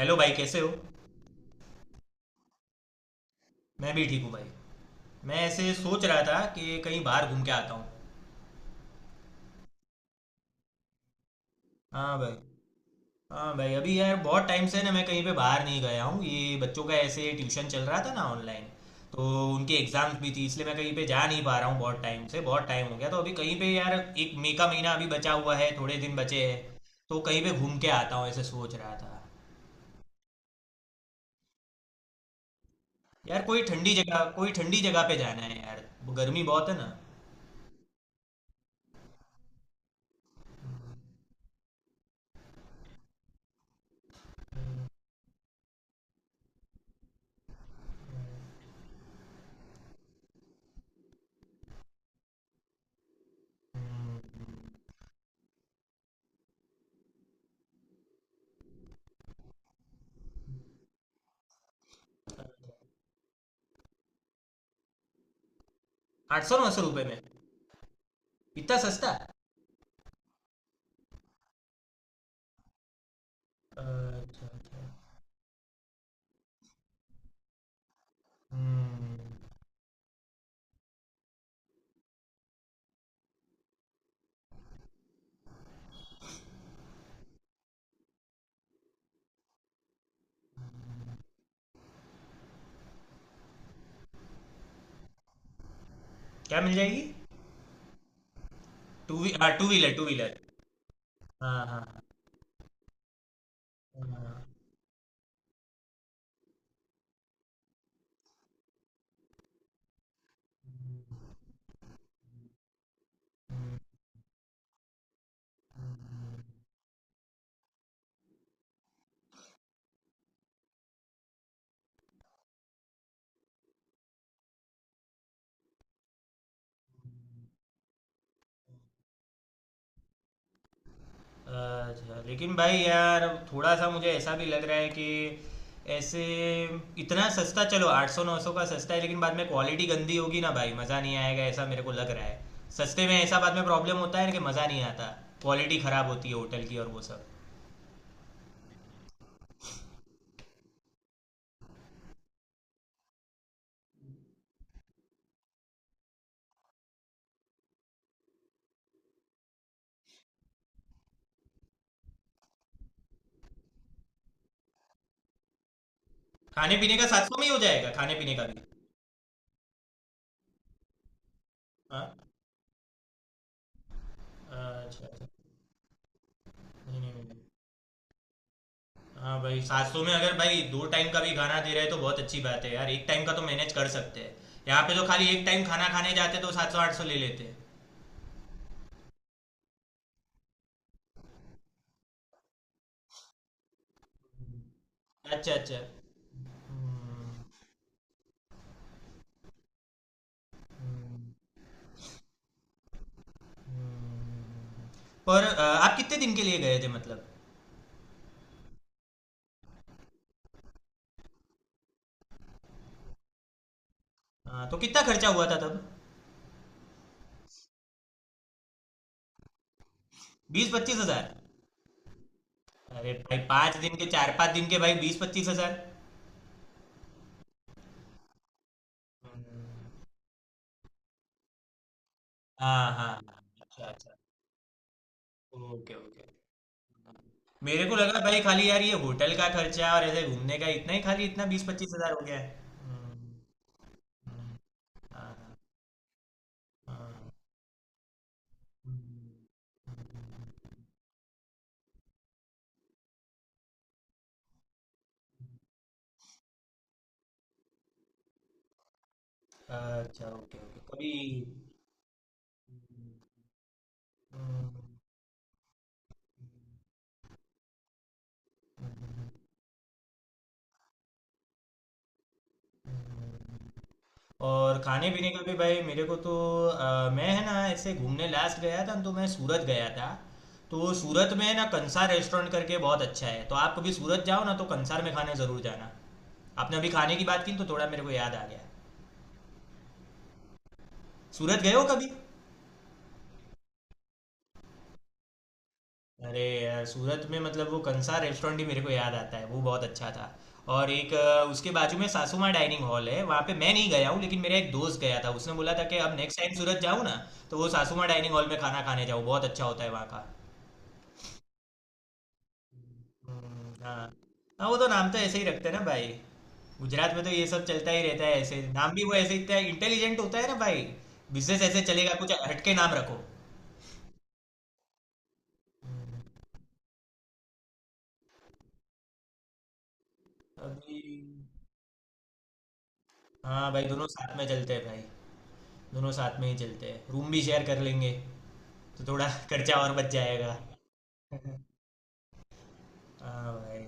Hello भाई, कैसे हो? मैं भी ठीक हूँ भाई। मैं ऐसे सोच रहा था कि कहीं बाहर घूम के आता हूँ। हाँ भाई। हाँ भाई, अभी यार बहुत टाइम से ना मैं कहीं पे बाहर नहीं गया हूँ, ये बच्चों का ऐसे ट्यूशन चल रहा था ना ऑनलाइन। तो उनकी एग्ज़ाम्स भी थी, इसलिए मैं कहीं पे जा नहीं पा रहा हूँ बहुत टाइम से, बहुत टाइम हो गया, तो अभी कहीं पे यार, 1 मई का महीना अभी बचा हुआ है, थोड़े दिन बचे हैं, तो कहीं पे घूम के आता हूँ, ऐसे सोच रहा था। यार कोई ठंडी जगह, कोई ठंडी जगह पे जाना है यार, गर्मी बहुत है ना। 800-900 रुपये में? इतना सस्ता? अच्छा अच्छा। हम्म। क्या मिल जाएगी? टू वी हाँ, टू व्हीलर टू व्हीलर। हाँ हाँ हाँ। अच्छा, लेकिन भाई यार अब थोड़ा सा मुझे ऐसा भी लग रहा है कि ऐसे इतना सस्ता, चलो 800-900 का सस्ता है, लेकिन बाद में क्वालिटी गंदी होगी ना भाई, मज़ा नहीं आएगा, ऐसा मेरे को लग रहा है। सस्ते में ऐसा बाद में प्रॉब्लम होता है ना कि मज़ा नहीं आता, क्वालिटी खराब होती है होटल की और वो सब। खाने पीने का 700 में ही हो जाएगा? खाने पीने का भी? हाँ। अच्छा अच्छा। नहीं नहीं नहीं नहीं। हाँ भाई, 700 में अगर भाई दो टाइम का भी खाना दे रहे हैं तो बहुत अच्छी बात है यार, एक टाइम का तो मैनेज कर सकते हैं। यहाँ पे तो खाली एक टाइम खाना खाने जाते तो 700-800 ले लेते हैं। अच्छा अच्छा। हम्म, हम्म। पर आप कितने दिन के लिए गए थे मतलब? हाँ, तो कितना खर्चा हुआ था तब? 20-25 हज़ार? अरे भाई 5 दिन के, 4-5 दिन के भाई 20-25 हज़ार। हम्म, हाँ हाँ। अच्छा अच्छा। Okay okay. मेरे को लगा भाई खाली यार ये होटल का खर्चा और ऐसे घूमने का, इतना ही खाली इतना 20-25 हज़ार हो गया है। हम्म, हम्म, हाँ, हाँ, हम्म, हम्म, अच्छा। ओके ओके, कभी। और खाने पीने का भी भाई मेरे को तो, मैं है ना ऐसे घूमने लास्ट गया था न, तो मैं सूरत गया था। तो सूरत में है ना कंसार रेस्टोरेंट करके बहुत अच्छा है, तो आप कभी सूरत जाओ ना तो कंसार में खाने ज़रूर जाना। आपने अभी खाने की बात की तो थोड़ा मेरे को याद आ गया। सूरत गए हो कभी? अरे यार सूरत में मतलब वो कंसार रेस्टोरेंट ही मेरे को याद आता है, वो बहुत अच्छा था। और एक उसके बाजू में सासुमा डाइनिंग हॉल है, वहाँ पे मैं नहीं गया हूँ लेकिन मेरा एक दोस्त गया था, उसने बोला था कि अब नेक्स्ट टाइम सूरत जाऊँ ना तो वो सासुमा डाइनिंग हॉल में खाना खाने जाओ, बहुत अच्छा होता है वहाँ का। हाँ। हाँ वो तो नाम तो ऐसे ही रखते हैं ना भाई। गुजरात में तो ये सब चलता ही रहता है, ऐसे नाम भी वो ऐसे इतना इंटेलिजेंट होता है ना भाई, बिजनेस ऐसे चलेगा, कुछ हटके नाम रखो। अभी। हाँ भाई, दोनों साथ में चलते हैं भाई। दोनों साथ में ही चलते हैं, रूम भी शेयर कर लेंगे, तो थोड़ा खर्चा और बच जाएगा। हाँ भाई।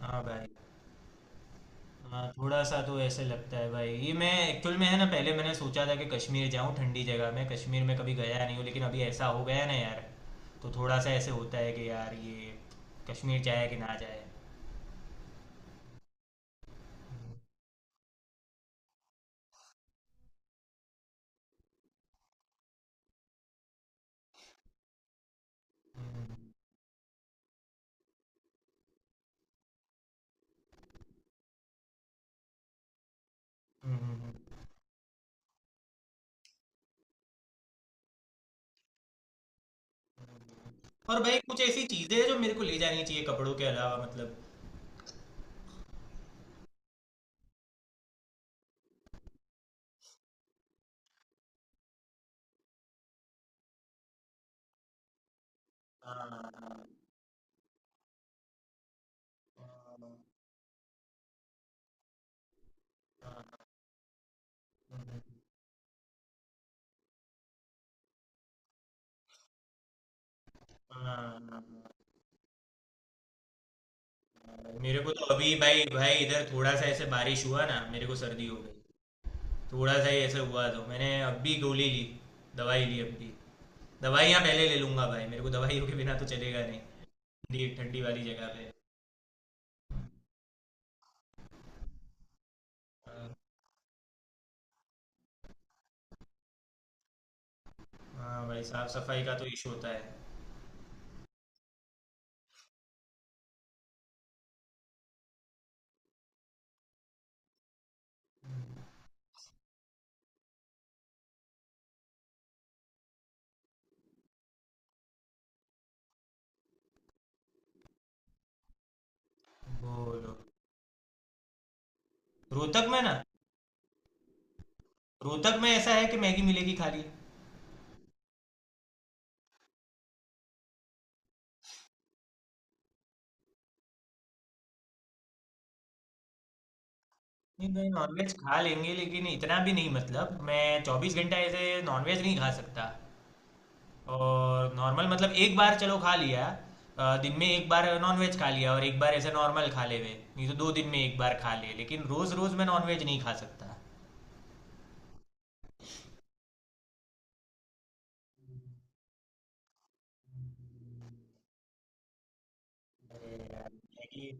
हाँ भाई। हाँ, थोड़ा सा तो ऐसे लगता है भाई ये, मैं एक्चुअल में है ना पहले मैंने सोचा था कि कश्मीर जाऊँ, ठंडी जगह में, कश्मीर में कभी गया नहीं हूँ, लेकिन अभी ऐसा हो गया ना यार, तो थोड़ा सा ऐसे होता है कि यार ये कश्मीर जाए कि ना जाए। हम्म, हम्म, हम्म, हम्म। और भाई कुछ ऐसी चीजें हैं जो मेरे को ले जानी चाहिए कपड़ों के अलावा मतलब? हाँ, हाँ, मेरे को तो अभी भाई, इधर थोड़ा सा ऐसे बारिश हुआ ना, मेरे को सर्दी हो गई, थोड़ा सा ही ऐसे हुआ तो मैंने अभी गोली ली, दवाई ली अभी। दवाइयाँ पहले ले लूंगा भाई, मेरे को दवाइयों के बिना तो चलेगा नहीं ठंडी ठंडी वाली जगह पे। हाँ। हाँ भाई साफ सफाई का तो इशू होता है। बोलो। रोहतक में ना? रोहतक में ऐसा है कि मैगी मिलेगी खाली? नहीं मैं नॉनवेज खा लेंगे लेकिन इतना भी नहीं, मतलब मैं 24 घंटा ऐसे नॉनवेज नहीं खा सकता। और नॉर्मल मतलब एक बार चलो खा लिया, दिन में एक बार नॉनवेज खा लिया और एक बार ऐसे नॉर्मल खा ले नहीं तो दो दिन में एक बार खा ले, लेकिन रोज रोज मैं नॉनवेज नहीं खा सकता। अरे यार। मैगी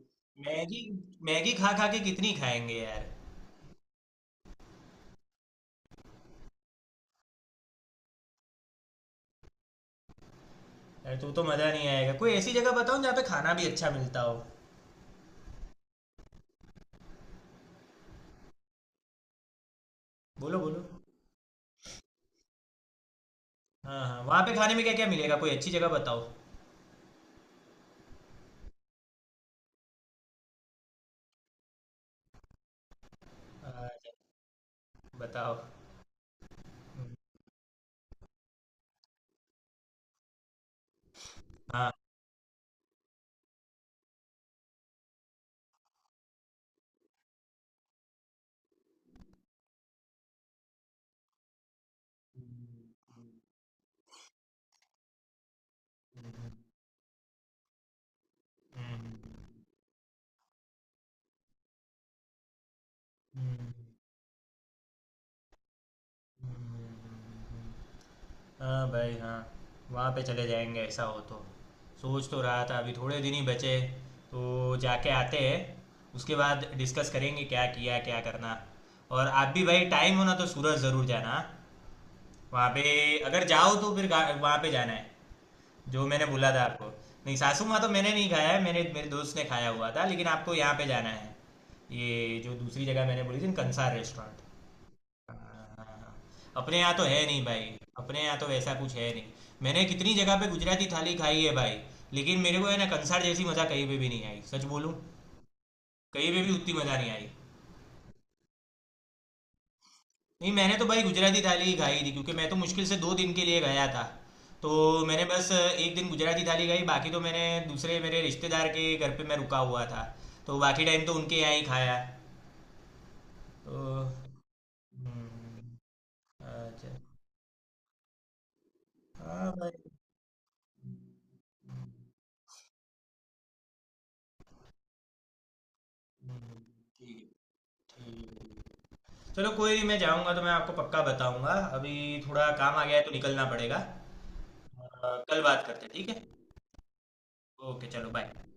मैगी मैगी खा खा के कितनी खाएंगे यार। अरे तो मज़ा नहीं आएगा, कोई ऐसी जगह बताओ जहाँ पे खाना भी अच्छा मिलता हो। बोलो बोलो। हाँ हाँ, वहाँ पे खाने में क्या क्या मिलेगा, कोई अच्छी जगह बताओ? अ, बताओ। हाँ, हम्म, हम्म, हम्म। हाँ भाई हाँ, वहाँ पे चले जाएंगे ऐसा हो तो। सोच तो रहा था अभी थोड़े दिन ही बचे, तो जाके आते हैं, उसके बाद डिस्कस करेंगे क्या किया क्या करना। और आप भी भाई टाइम हो ना तो सूरत ज़रूर जाना हाँ? वहाँ पे अगर जाओ तो फिर वहाँ पे जाना है, जो मैंने बोला था आपको। नहीं सासू माँ तो मैंने नहीं खाया है, मैंने, मेरे दोस्त ने खाया हुआ था, लेकिन आपको यहाँ पे जाना है, ये जो दूसरी जगह मैंने बोली थी ना, कंसार रेस्टोरेंट। हाँ। अपने यहाँ तो है नहीं भाई, अपने यहाँ तो वैसा कुछ है नहीं। मैंने कितनी जगह पे गुजराती थाली खाई है भाई, लेकिन मेरे को है ना कंसार जैसी मज़ा कहीं पे भी नहीं आई, सच बोलूँ, कहीं पे भी उतनी मज़ा नहीं आई। नहीं मैंने तो भाई गुजराती थाली ही खाई थी, क्योंकि मैं तो मुश्किल से 2 दिन के लिए गया था, तो मैंने बस एक दिन गुजराती थाली खाई, बाकी तो मैंने दूसरे मेरे रिश्तेदार के घर पे मैं रुका हुआ था, तो बाकी टाइम तो उनके यहाँ ही खाया तो। हम्म, अच्छा। हाँ भाई। हम्म, ठीक है ठीक है। चलो कोई नहीं, मैं जाऊंगा तो मैं आपको पक्का बताऊंगा। अभी थोड़ा काम आ गया है तो निकलना पड़ेगा। कल बात करते हैं ठीक है? ओके चलो बाय।